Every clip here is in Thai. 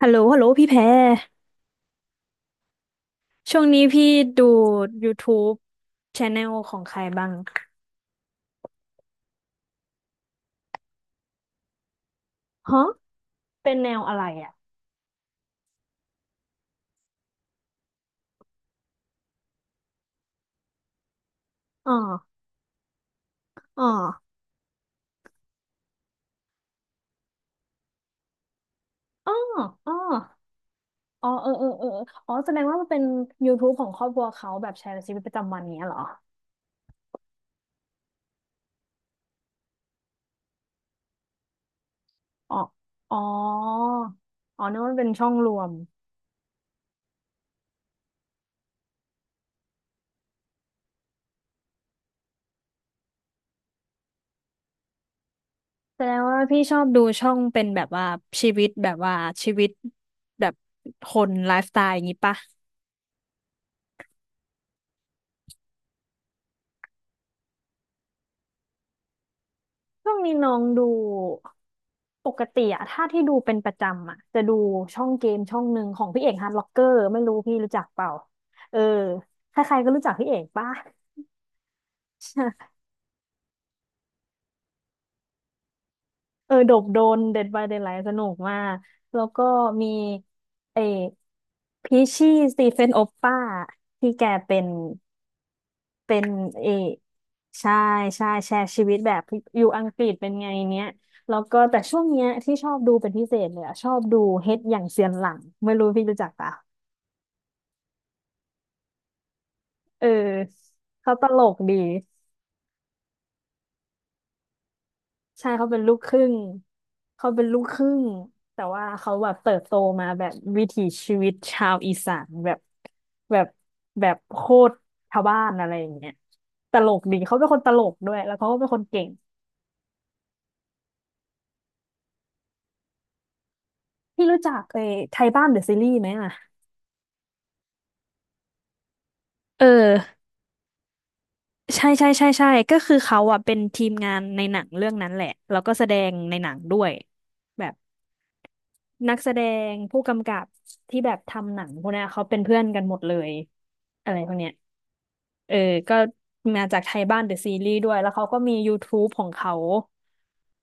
ฮัลโหลฮัลโหลพี่แพรช่วงนี้พี่ดู YouTube Channel ของใครบ้างฮะเป็นแนวอะไรอ่ะอ๋ออ๋ออ๋ออ๋ออ๋อเออเออเอออ๋อแสดงว่ามันเป็น YouTube ของครอบครัวเขาแบบแชร์ชีวิตประจำวันเนี้ยเหรออ๋ออ๋ออ๋อนึกว่ามันเป็นช่องรวมแสดงว่าพี่ชอบดูช่องเป็นแบบว่าชีวิตแบบว่าชีวิตแบบคนไลฟ์สไตล์อย่างงี้ปะ ช่วงนี้น้องดูปกติอะถ้าที่ดูเป็นประจำอะจะดูช่องเกมช่องหนึ่งของพี่เอกฮาร์ดล็อกเกอร์ไม่รู้พี่รู้จักเปล่าเออใครๆก็รู้จักพี่เอกป่ะ เออโดบโดน Dead by Daylight สนุกมากแล้วก็มีเอพีชี่สตีเฟนโอปป้าที่แกเป็น เป็นเออใช่ใช่แชร์ชีวิตแบบอยู่อังกฤษเป็นไงเนี้ยแล้วก็แต่ช่วงเนี้ยที่ชอบดูเป็นพิเศษเลยอะชอบดูเฮ็ดอย่างเซียนหลังไม่รู้พี่รู้จักปะเออเขาตลกดีใช่เขาเป็นลูกครึ่งเขาเป็นลูกครึ่งแต่ว่าเขาแบบเติบโตมาแบบวิถีชีวิตชาวอีสานแบบแบบแบบโคตรชาวบ้านอะไรอย่างเงี้ยตลกดีเขาเป็นคนตลกด้วยแล้วเขาก็เป็นคนเก่งพี่รู้จักไอ้ไทยบ้านเดอะซีรีส์ไหมอ่ะ เออใช่ใช่ใช่ใช่ก็คือเขาอ่ะเป็นทีมงานในหนังเรื่องนั้นแหละแล้วก็แสดงในหนังด้วยแบบ นักแสดงผู้กำกับที่แบบทำหนังพวกเนี้ยเขาเป็นเพื่อนกันหมดเลยอะไรพวกเนี้ยเออก็มาจากไทยบ้านเดอะซีรีส์ด้วยแล้วเขาก็มี YouTube ของเขา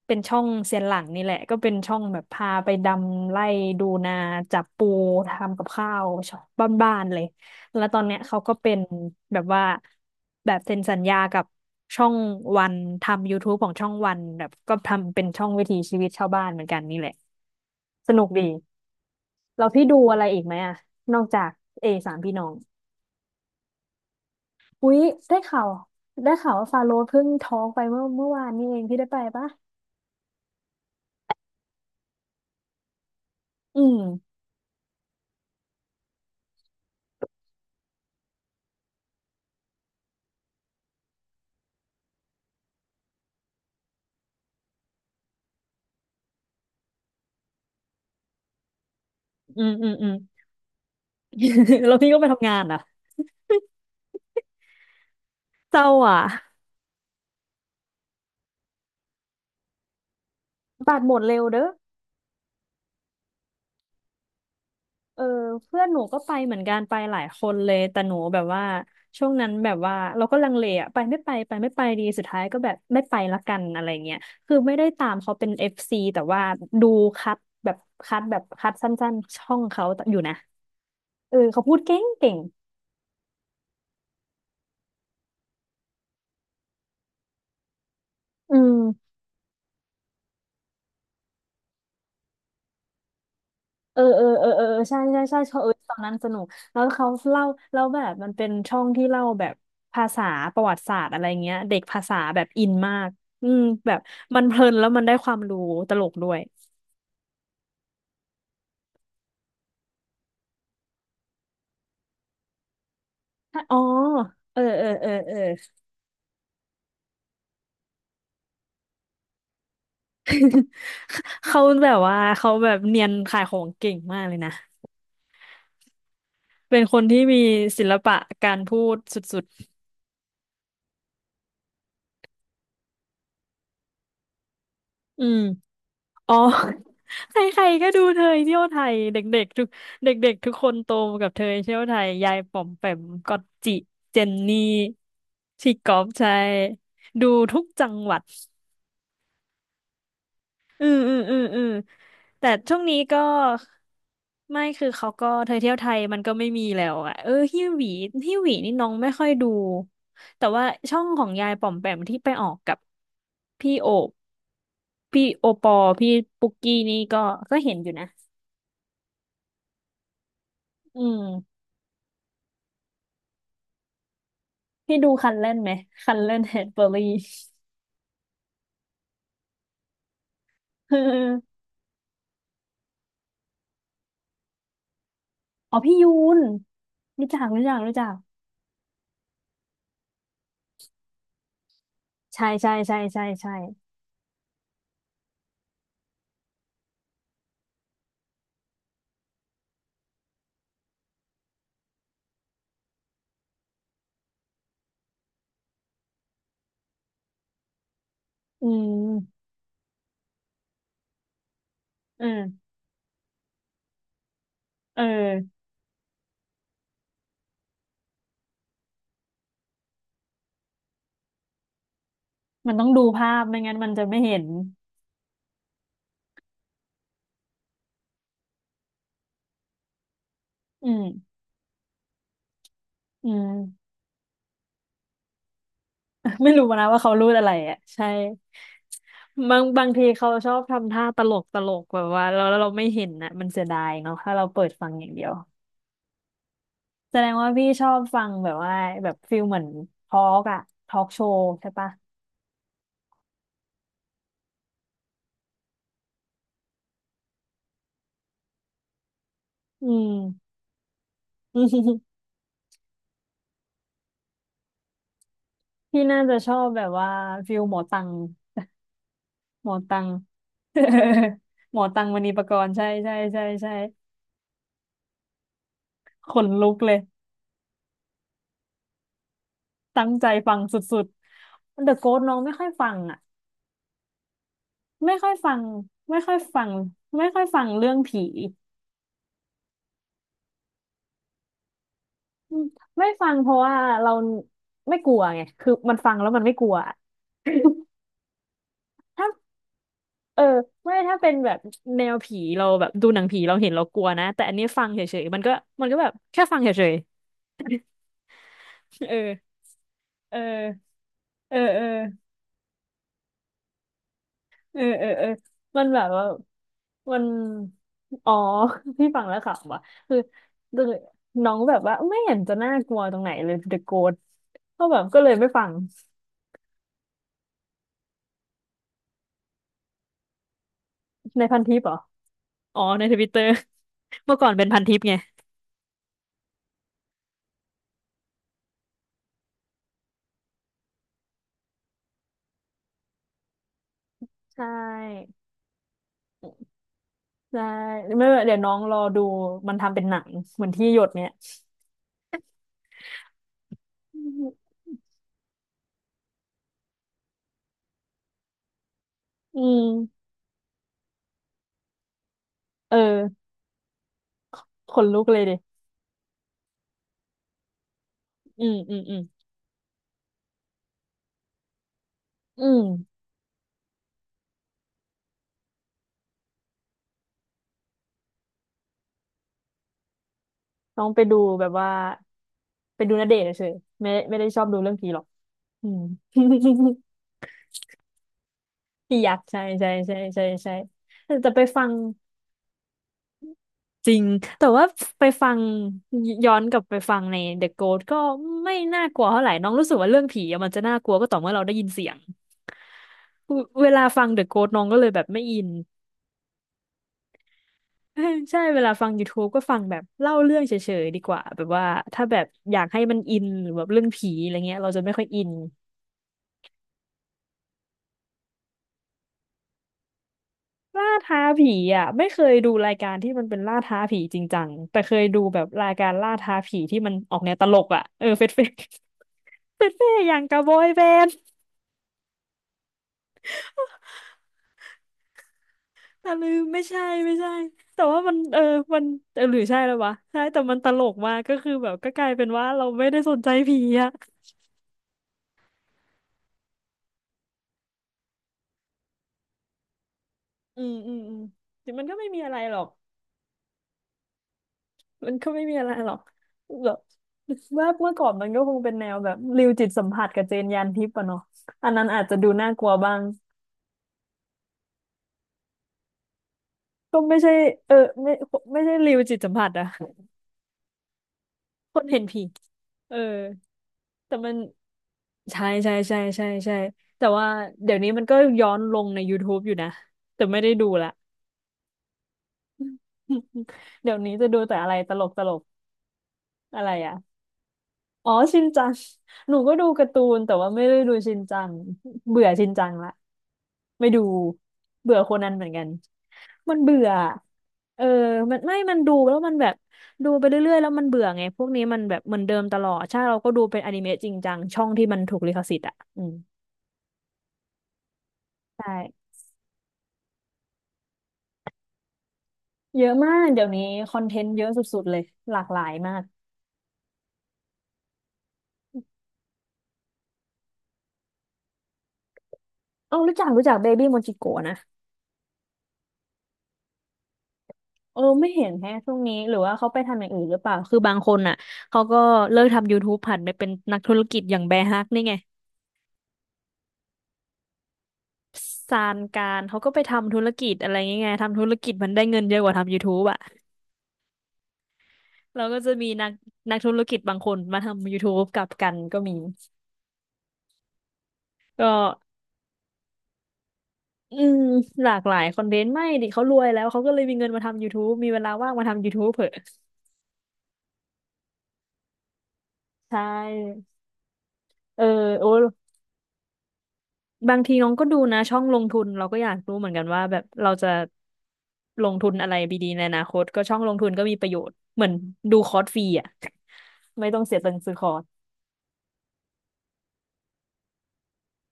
เป็นช่องเซียนหลังนี่แหละก็เป็นช่องแบบพาไปดำไล่ดูนาจับปูทำกับข้าวชอบบ้านๆเลยแล้วตอนเนี้ยเขาก็เป็นแบบว่าแบบเซ็นสัญญากับช่องวันทำ YouTube ของช่องวันแบบก็ทำเป็นช่องวิถีชีวิตชาวบ้านเหมือนกันนี่แหละสนุกดี เราพี่ดูอะไรอีกไหมอะนอกจากเอสามพี่น้องอุ๊ยได้ข่าวได้ข่าวว่าฟาโรห์เพิ่งท้องไปเมื่อวานนี่เองพี่ได้ไปปะอืมอืมอืมอืม แล้วพี่ก็ไปทำงานอ่ะเศร้าอ่ะบัตรหมดเร็วเด้อเออเพื่อนหนูก็ไปเหมือนกันไปหลายคนเลยแต่หนูแบบว่าช่วงนั้นแบบว่าเราก็ลังเลอะไปไม่ไปไปไม่ไปดีสุดท้ายก็แบบไม่ไปละกันอะไรเงี้ยคือไม่ได้ตามเขาเป็นเอฟซีแต่ว่าดูคัดแบบคัดแบบคัดสั้นๆช่องเขาอยู่นะ เออเขาพูดเก่งเก่งอืมเออเออเออเออเออใช่ใช่ใช่ชอบเออตอนนั้นสนุก แล้วเขาเล่าแล้วแบบมันเป็นช่องที่เล่าแบบภาษาประวัติศาสตร์อะไรเงี้ยเด็กภาษาแบบอินมากอืมแบบมันเพลินแล้วมันได้ความรู้ตลกด้วยอ๋อเออเออเออเออ เขาแบบว่าเขาแบบเนียนขายของเก่งมากเลยนะ เป็นคนที่มีศิลปะการพูดสุดๆอืม อ๋อ ใครๆก็ดูเธอเที่ยวไทยเด็กๆทุกเด็กๆทุกคนโตมากับเธอเที่ยวไทยยายป๋อมแปมก๊อตจิเจนนี่ชีกอบใช่ดูทุกจังหวัดอืมอืมอืมอืมแต่ช่วงนี้ก็ไม่คือเขาก็เธอเที่ยวไทยมันก็ไม่มีแล้วอะเออฮิวหวีฮิวหวีนี่น้องไม่ค่อยดูแต่ว่าช่องของยายป๋อมแปมที่ไปออกกับพี่โอบพี่โอปอพี่ปุกกี้นี่ก็เห็นอยู่นะอืม พี่ดูคันเล่นไหมคันเล่นแฮดเบอร์รี่ เอออ๋อพี่ยูนรู้จักรู้จักรู้จักใช่ใช่ใช่ใช่ใช่อืมเออเออมันต้องดูภาพไม่งั้นมันจะไม่เห็นอืมอืม ไม่รู้นะว่าเขารูดอะไรอ่ะใช่บางบางทีเขาชอบทำท่าตลกตลกแบบว่าเราเราไม่เห็นนะมันเสียดายเนาะถ้าเราเปิดฟังอย่างเดียวแสดงว่าพี่ชอบฟังแบบว่าแบบฟิลเหมือนทอล์กอะทอล์กโชว์ใช่ปะอืม พี่น่าจะชอบแบบว่าฟิลหมอตังหมอตัง หมอตังมณีปกรณ์ใช่ใช่ใช่ใช่ขนลุกเลยตั้งใจฟังสุดๆเดอะโก t น้องไม่ค่อยฟังอ่ะไม่ค่อยฟังไม่ค่อยฟังไม่ค่อยฟังเรื่องผีอืมไม่ฟังเพราะว่าเราไม่กลัวไงคือมันฟังแล้วมันไม่กลัวอะถ้าเออไม่ถ้าเป็นแบบแนวผีเราแบบดูหนังผีเราเห็นเรากลัวนะแต่อันนี้ฟังเฉยๆมันก็มันก็แบบแค่ฟังเฉยๆเออเออเออเออ เออเออเออมันแบบว่ามันอ๋อ พี่ฟังแล้วขำว่ะคือคือน้องแบบว่าไม่เห็นจะน่ากลัวตรงไหนเลย The Ghost ก็แบบก็เลยไม่ฟังในพันทิปเหรออ๋อในทวิตเตอร์ เมื่อก่อนเป็นพันทิปไง ใช่ใช่ไม่เป็นไรเดี๋ยวน้องรอดูมันทำเป็นหนังเหมือนที่หยดเนี่ยอืมอืมเออขนลุกเลยดิ อืมอืมอืมอืมน้องไปดูแบบว่าไปดูณเดชน์เฉยๆไม่ได้ชอบดูเรื่องผีหรอก อืม พี่ยักษ์ใช่ใช่ใช่ใช่ใช่แต่ไปฟังจริงแต่ว่าไปฟังย้อนกลับไปฟังใน The Ghost ก็ไม่น่ากลัวเท่าไหร่น้องรู้สึกว่าเรื่องผีอะมันจะน่ากลัวก็ต่อเมื่อเราได้ยินเสียงเวลาฟัง The Ghost น้องก็เลยแบบไม่อิน ใช่เวลาฟัง YouTube ก็ฟังแบบเล่าเรื่องเฉยๆดีกว่าแบบว่าถ้าแบบอยากให้มันอินหรือแบบเรื่องผีอะไรเงี้ยเราจะไม่ค่อยอิน ล่าท้าผีอ่ะไม่เคยดูรายการที่มันเป็นล่าท้าผีจริงจังแต่เคยดูแบบรายการล่าท้าผีที่มันออกแนวตลกอ่ะเออเฟดเฟดเฟดเฟดอย่างกะบบอยแบนด์แต่ลืมไม่ใช่ไม่ใช่แต่ว่ามันเออหรือใช่แล้ววะใช่แต่มันตลกมากก็คือแบบก็กลายเป็นว่าเราไม่ได้สนใจผีอ่ะอืมอืมอืมแต่มันก็ไม่มีอะไรหรอกมันก็ไม่มีอะไรหรอกแบบว่าเมื่อก่อนมันก็คงเป็นแนวแบบริวจิตสัมผัสกับเจนยานทิพย์อะเนาะอันนั้นอาจจะดูน่ากลัวบ้าง ก็ไม่ใช่เออไม่ไม่ใช่ริวจิตสัมผัสอะคนเห็นผีเออแต่มันใช่ใช่ใช่ใช่ใช่แต่ว่าเดี๋ยวนี้มันก็ย้อนลงใน YouTube อยู่นะแต่ไม่ได้ดูละ เดี๋ยวนี้จะดูแต่อะไรตลกตลกอะไรอะ อ๋อชินจัง หนูก็ดูการ์ตูนแต่ว่าไม่ได้ดูชินจังเบื่อชินจังละไม่ดูเบื่อโคนันเหมือนกันมันเบื่อเออมันดูแล้วมันแบบดูไปเรื่อยๆแล้วมันเบื่อไงพวกนี้มันแบบเหมือนเดิมตลอดใช่เราก็ดูเป็นอนิเมะจริงจังช่องที่มันถูกลิขสิทธิ์อ่ะอืมใช่เยอะมากเดี๋ยวนี้คอนเทนต์เยอะสุดๆเลยหลากหลายมากเอ้ารู้จักรู้จักเบบี้โม j จิโกะนะ เออไม่เห็นแฮะช่วงนี้หรือว่าเขาไปทำอย่างอื่นหรือเปล่าคือบางคนอ่ะเขาก็เลิกทำ YouTube ผันไปเป็นนักธุรกิจอย่างแบร์ฮักนี่ไงซานการเขาก็ไปทำธุรกิจอะไรเงี้ยไงทำธุรกิจมันได้เงินเยอะกว่าทำ YouTube อ่ะเราก็จะมีนักธุรกิจบางคนมาทำ YouTube กลับกันก็มีก็อืมหลากหลายคอนเทนต์ไม่ดิเขารวยแล้วเขาก็เลยมีเงินมาทำ YouTube มีเวลาว่างมาทำ YouTube เผอะใช่เออโอ้ บางทีน้องก็ดูนะช่องลงทุนเราก็อยากรู้เหมือนกันว่าแบบเราจะลงทุนอะไรดีๆในอนาคตก็ช่องลงทุนก็มีประโยชน์เหมือนดูคอร์สฟรีอ่ะ ไม่ต้องเสียตังค์ซื้อคอร์ส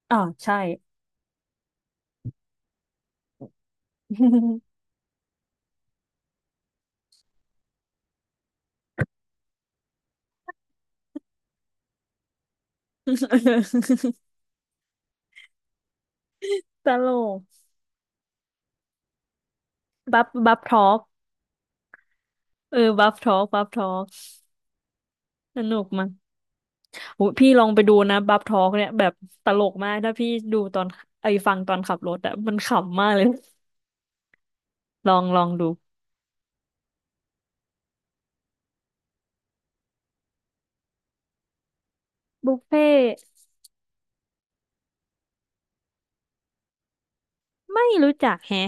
อ่าใช่ ตลกบัฟทอล์กเออบัฟทอล์กบัฟทอล์กสนุกมากโหพี่ลองไปดูนะบัฟทอล์กเนี่ยแบบตลกมากถ้าพี่ดูตอนไอ้ฟังตอนขับรถอะมันขำมากเลย ลองลองดูบุฟเฟ่ไม่รู้จักแฮะ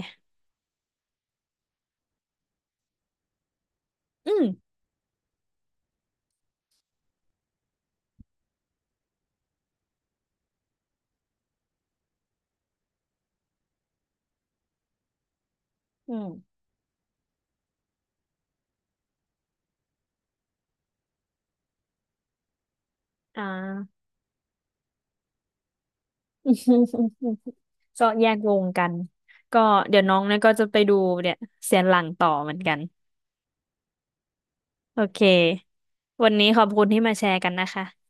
อืม อืม อ่า ก็แยกวงกัน ก็เดี๋ยวน้องเนี่ยก็จะไปดูเนี่ยเสียนหลังต่อเหมือนกัน โอเค วันนี้ขอบคุณที่มาแชร์กันนะคะ